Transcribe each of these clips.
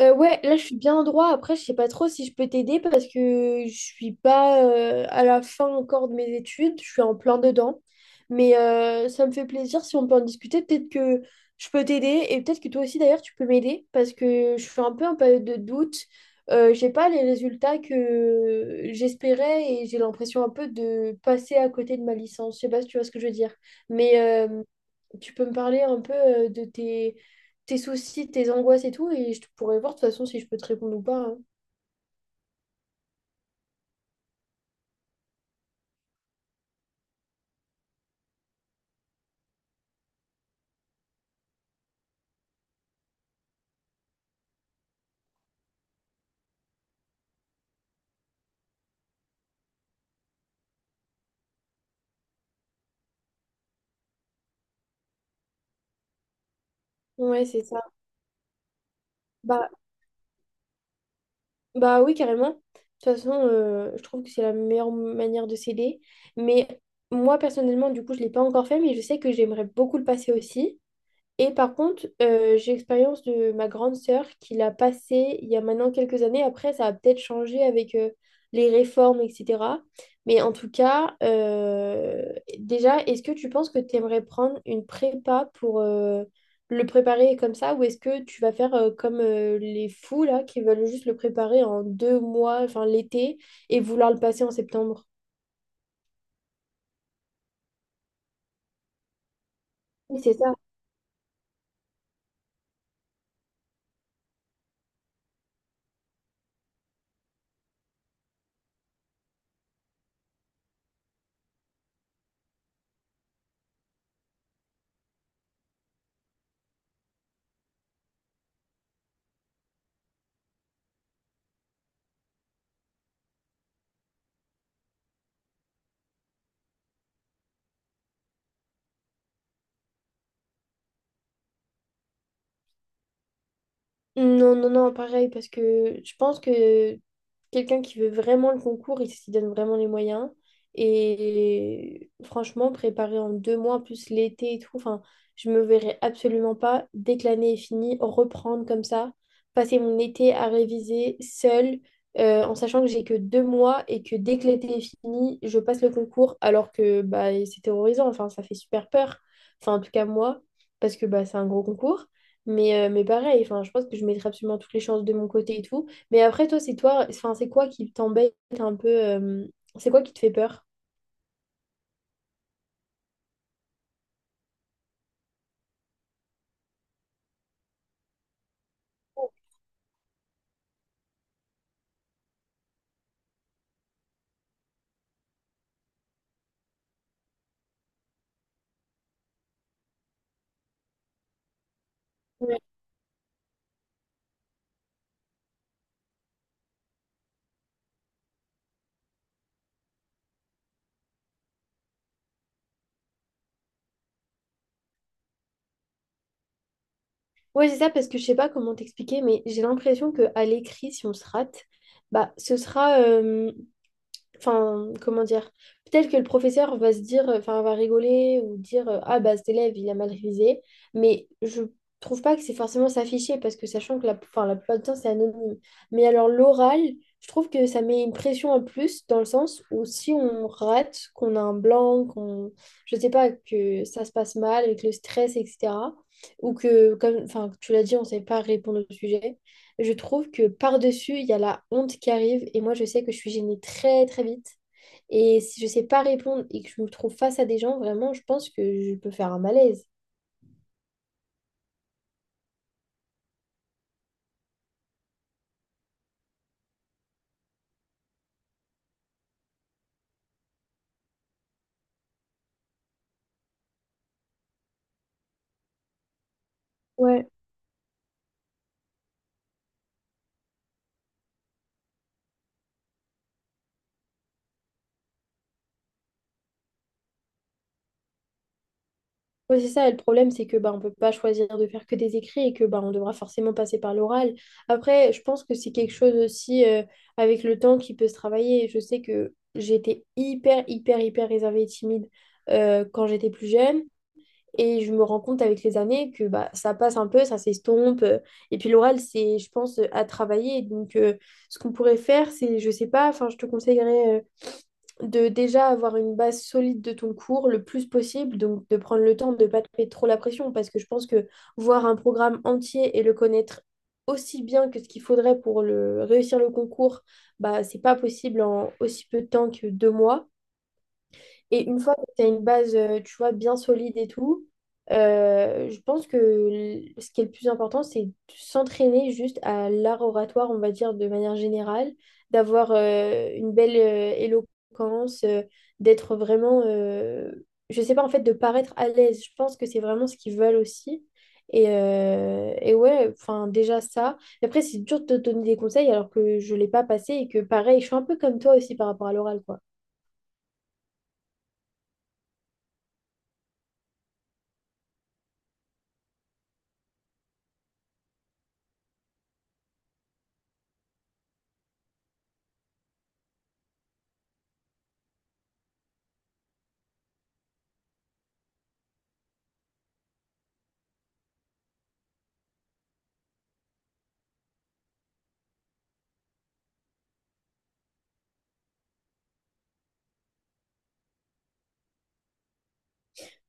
Ouais, là je suis bien en droit. Après, je sais pas trop si je peux t'aider parce que je suis pas à la fin encore de mes études. Je suis en plein dedans. Mais ça me fait plaisir si on peut en discuter. Peut-être que je peux t'aider et peut-être que toi aussi d'ailleurs tu peux m'aider parce que je suis un peu en période de doute. J'ai pas les résultats que j'espérais et j'ai l'impression un peu de passer à côté de ma licence. Je sais pas si tu vois ce que je veux dire. Mais tu peux me parler un peu de tes soucis, tes angoisses et tout, et je te pourrais voir de toute façon si je peux te répondre ou pas, hein. Ouais, c'est ça. Bah, bah oui, carrément. De toute façon, je trouve que c'est la meilleure manière de s'aider. Mais moi, personnellement, du coup, je ne l'ai pas encore fait, mais je sais que j'aimerais beaucoup le passer aussi. Et par contre, j'ai l'expérience de ma grande sœur qui l'a passé il y a maintenant quelques années. Après, ça a peut-être changé avec les réformes, etc. Mais en tout cas, déjà, est-ce que tu penses que tu aimerais prendre une prépa pour le préparer comme ça, ou est-ce que tu vas faire comme les fous là qui veulent juste le préparer en deux mois, enfin l'été, et vouloir le passer en septembre? Oui, c'est ça. Non, non, non, pareil, parce que je pense que quelqu'un qui veut vraiment le concours, il s'y donne vraiment les moyens. Et franchement, préparer en deux mois, plus l'été et tout, enfin, je me verrais absolument pas, dès que l'année est finie, reprendre comme ça, passer mon été à réviser seule, en sachant que j'ai que deux mois et que dès que l'été est fini, je passe le concours, alors que bah, c'est terrorisant, enfin, ça fait super peur. Enfin, en tout cas, moi, parce que bah, c'est un gros concours. Mais pareil, enfin, je pense que je mettrai absolument toutes les chances de mon côté et tout. Mais après, toi, c'est toi, enfin, c'est quoi qui t'embête un peu c'est quoi qui te fait peur? Ouais, Ouais, c'est ça, parce que je sais pas comment t'expliquer, mais j'ai l'impression que à l'écrit, si on se rate, bah, ce sera, enfin, comment dire? Peut-être que le professeur va se dire, enfin, va rigoler ou dire, ah bah cet élève, il a mal révisé. Mais je trouve pas que c'est forcément s'afficher parce que sachant que la, enfin, la plupart du temps, c'est anonyme. Mais alors l'oral, je trouve que ça met une pression en plus dans le sens où si on rate, qu'on a un blanc, qu'on, je sais pas, que ça se passe mal avec le stress, etc. Ou que, comme, enfin, tu l'as dit, on sait pas répondre au sujet, je trouve que par-dessus, il y a la honte qui arrive et moi, je sais que je suis gênée très très vite. Et si je sais pas répondre et que je me trouve face à des gens, vraiment, je pense que je peux faire un malaise. Ouais. Ouais, c'est ça, le problème, c'est que bah, on peut pas choisir de faire que des écrits et que bah, on devra forcément passer par l'oral. Après, je pense que c'est quelque chose aussi avec le temps qui peut se travailler. Je sais que j'étais hyper, hyper, hyper réservée et timide quand j'étais plus jeune. Et je me rends compte avec les années que bah, ça passe un peu, ça s'estompe. Et puis l'oral, c'est, je pense, à travailler. Donc, ce qu'on pourrait faire, c'est, je sais pas, enfin, je te conseillerais de déjà avoir une base solide de ton cours le plus possible. Donc, de prendre le temps de ne pas te mettre trop la pression. Parce que je pense que voir un programme entier et le connaître aussi bien que ce qu'il faudrait pour le, réussir le concours, bah, c'est pas possible en aussi peu de temps que deux mois. Et une fois que tu as une base, tu vois, bien solide et tout, je pense que ce qui est le plus important, c'est de s'entraîner juste à l'art oratoire, on va dire, de manière générale, d'avoir une belle éloquence, d'être vraiment, je sais pas, en fait, de paraître à l'aise. Je pense que c'est vraiment ce qu'ils veulent aussi. Et ouais, enfin, déjà ça. Et après, c'est dur de te donner des conseils alors que je l'ai pas passé et que pareil, je suis un peu comme toi aussi par rapport à l'oral, quoi.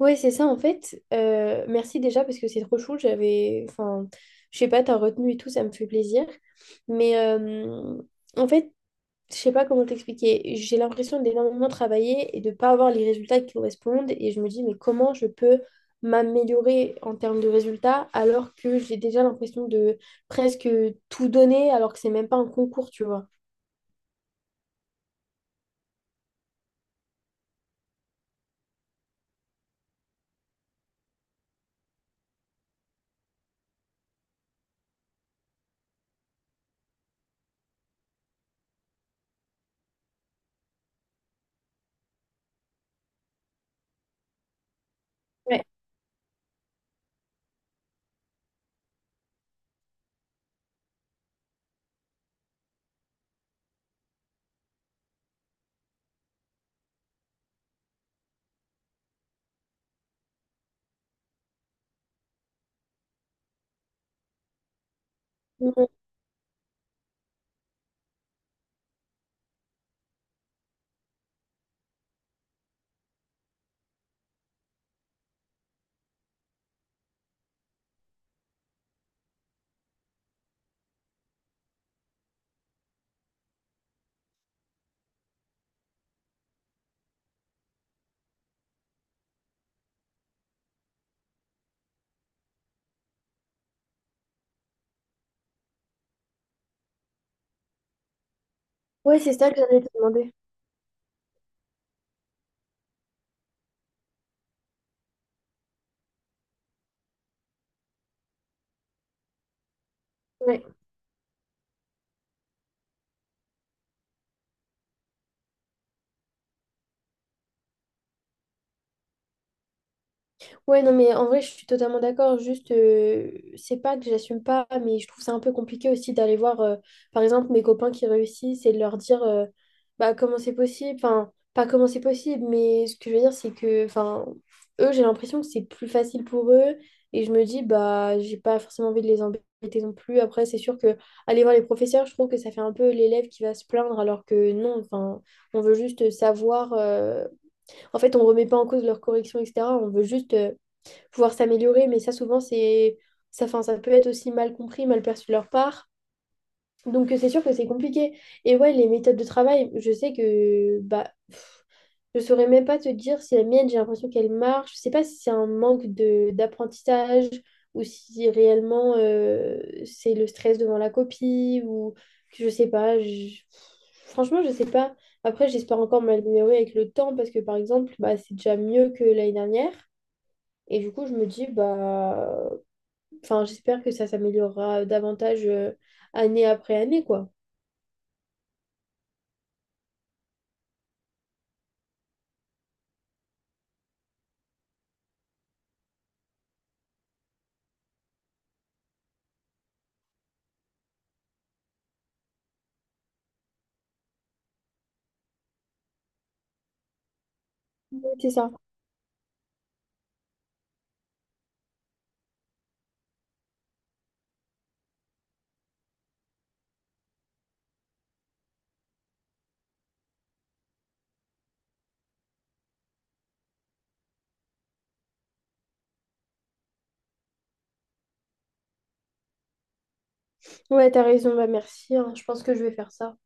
Ouais, c'est ça en fait. Merci déjà parce que c'est trop chou. J'avais, enfin, je sais pas, t'as retenu et tout, ça me fait plaisir. Mais en fait, je sais pas comment t'expliquer. J'ai l'impression d'énormément travailler et de pas avoir les résultats qui correspondent. Et je me dis, mais comment je peux m'améliorer en termes de résultats alors que j'ai déjà l'impression de presque tout donner alors que c'est même pas un concours, tu vois. Ouais. Ouais, c'est ça que j'allais te demander. Ouais. Ouais, non, mais en vrai, je suis totalement d'accord. Juste, c'est pas que j'assume pas, mais je trouve ça un peu compliqué aussi d'aller voir, par exemple, mes copains qui réussissent et de leur dire, bah, comment c'est possible. Enfin, pas comment c'est possible, mais ce que je veux dire, c'est que, enfin, eux, j'ai l'impression que c'est plus facile pour eux. Et je me dis, bah, j'ai pas forcément envie de les embêter non plus. Après, c'est sûr que aller voir les professeurs, je trouve que ça fait un peu l'élève qui va se plaindre, alors que non, enfin, on veut juste savoir. En fait, on remet pas en cause leurs corrections, etc. On veut juste pouvoir s'améliorer, mais ça, souvent, c'est ça, fin, ça peut être aussi mal compris, mal perçu de leur part. Donc, c'est sûr que c'est compliqué. Et ouais, les méthodes de travail, je sais que bah, pff, je saurais même pas te dire si la mienne, j'ai l'impression qu'elle marche. Je sais pas si c'est un manque de d'apprentissage ou si réellement c'est le stress devant la copie ou je sais pas. Franchement, je sais pas. Après, j'espère encore m'améliorer avec le temps parce que par exemple, bah, c'est déjà mieux que l'année dernière. Et du coup, je me dis, bah, enfin, j'espère que ça s'améliorera davantage année après année, quoi. Ouais, c'est ça. Ouais, t'as raison, bah merci, hein. Je pense que je vais faire ça.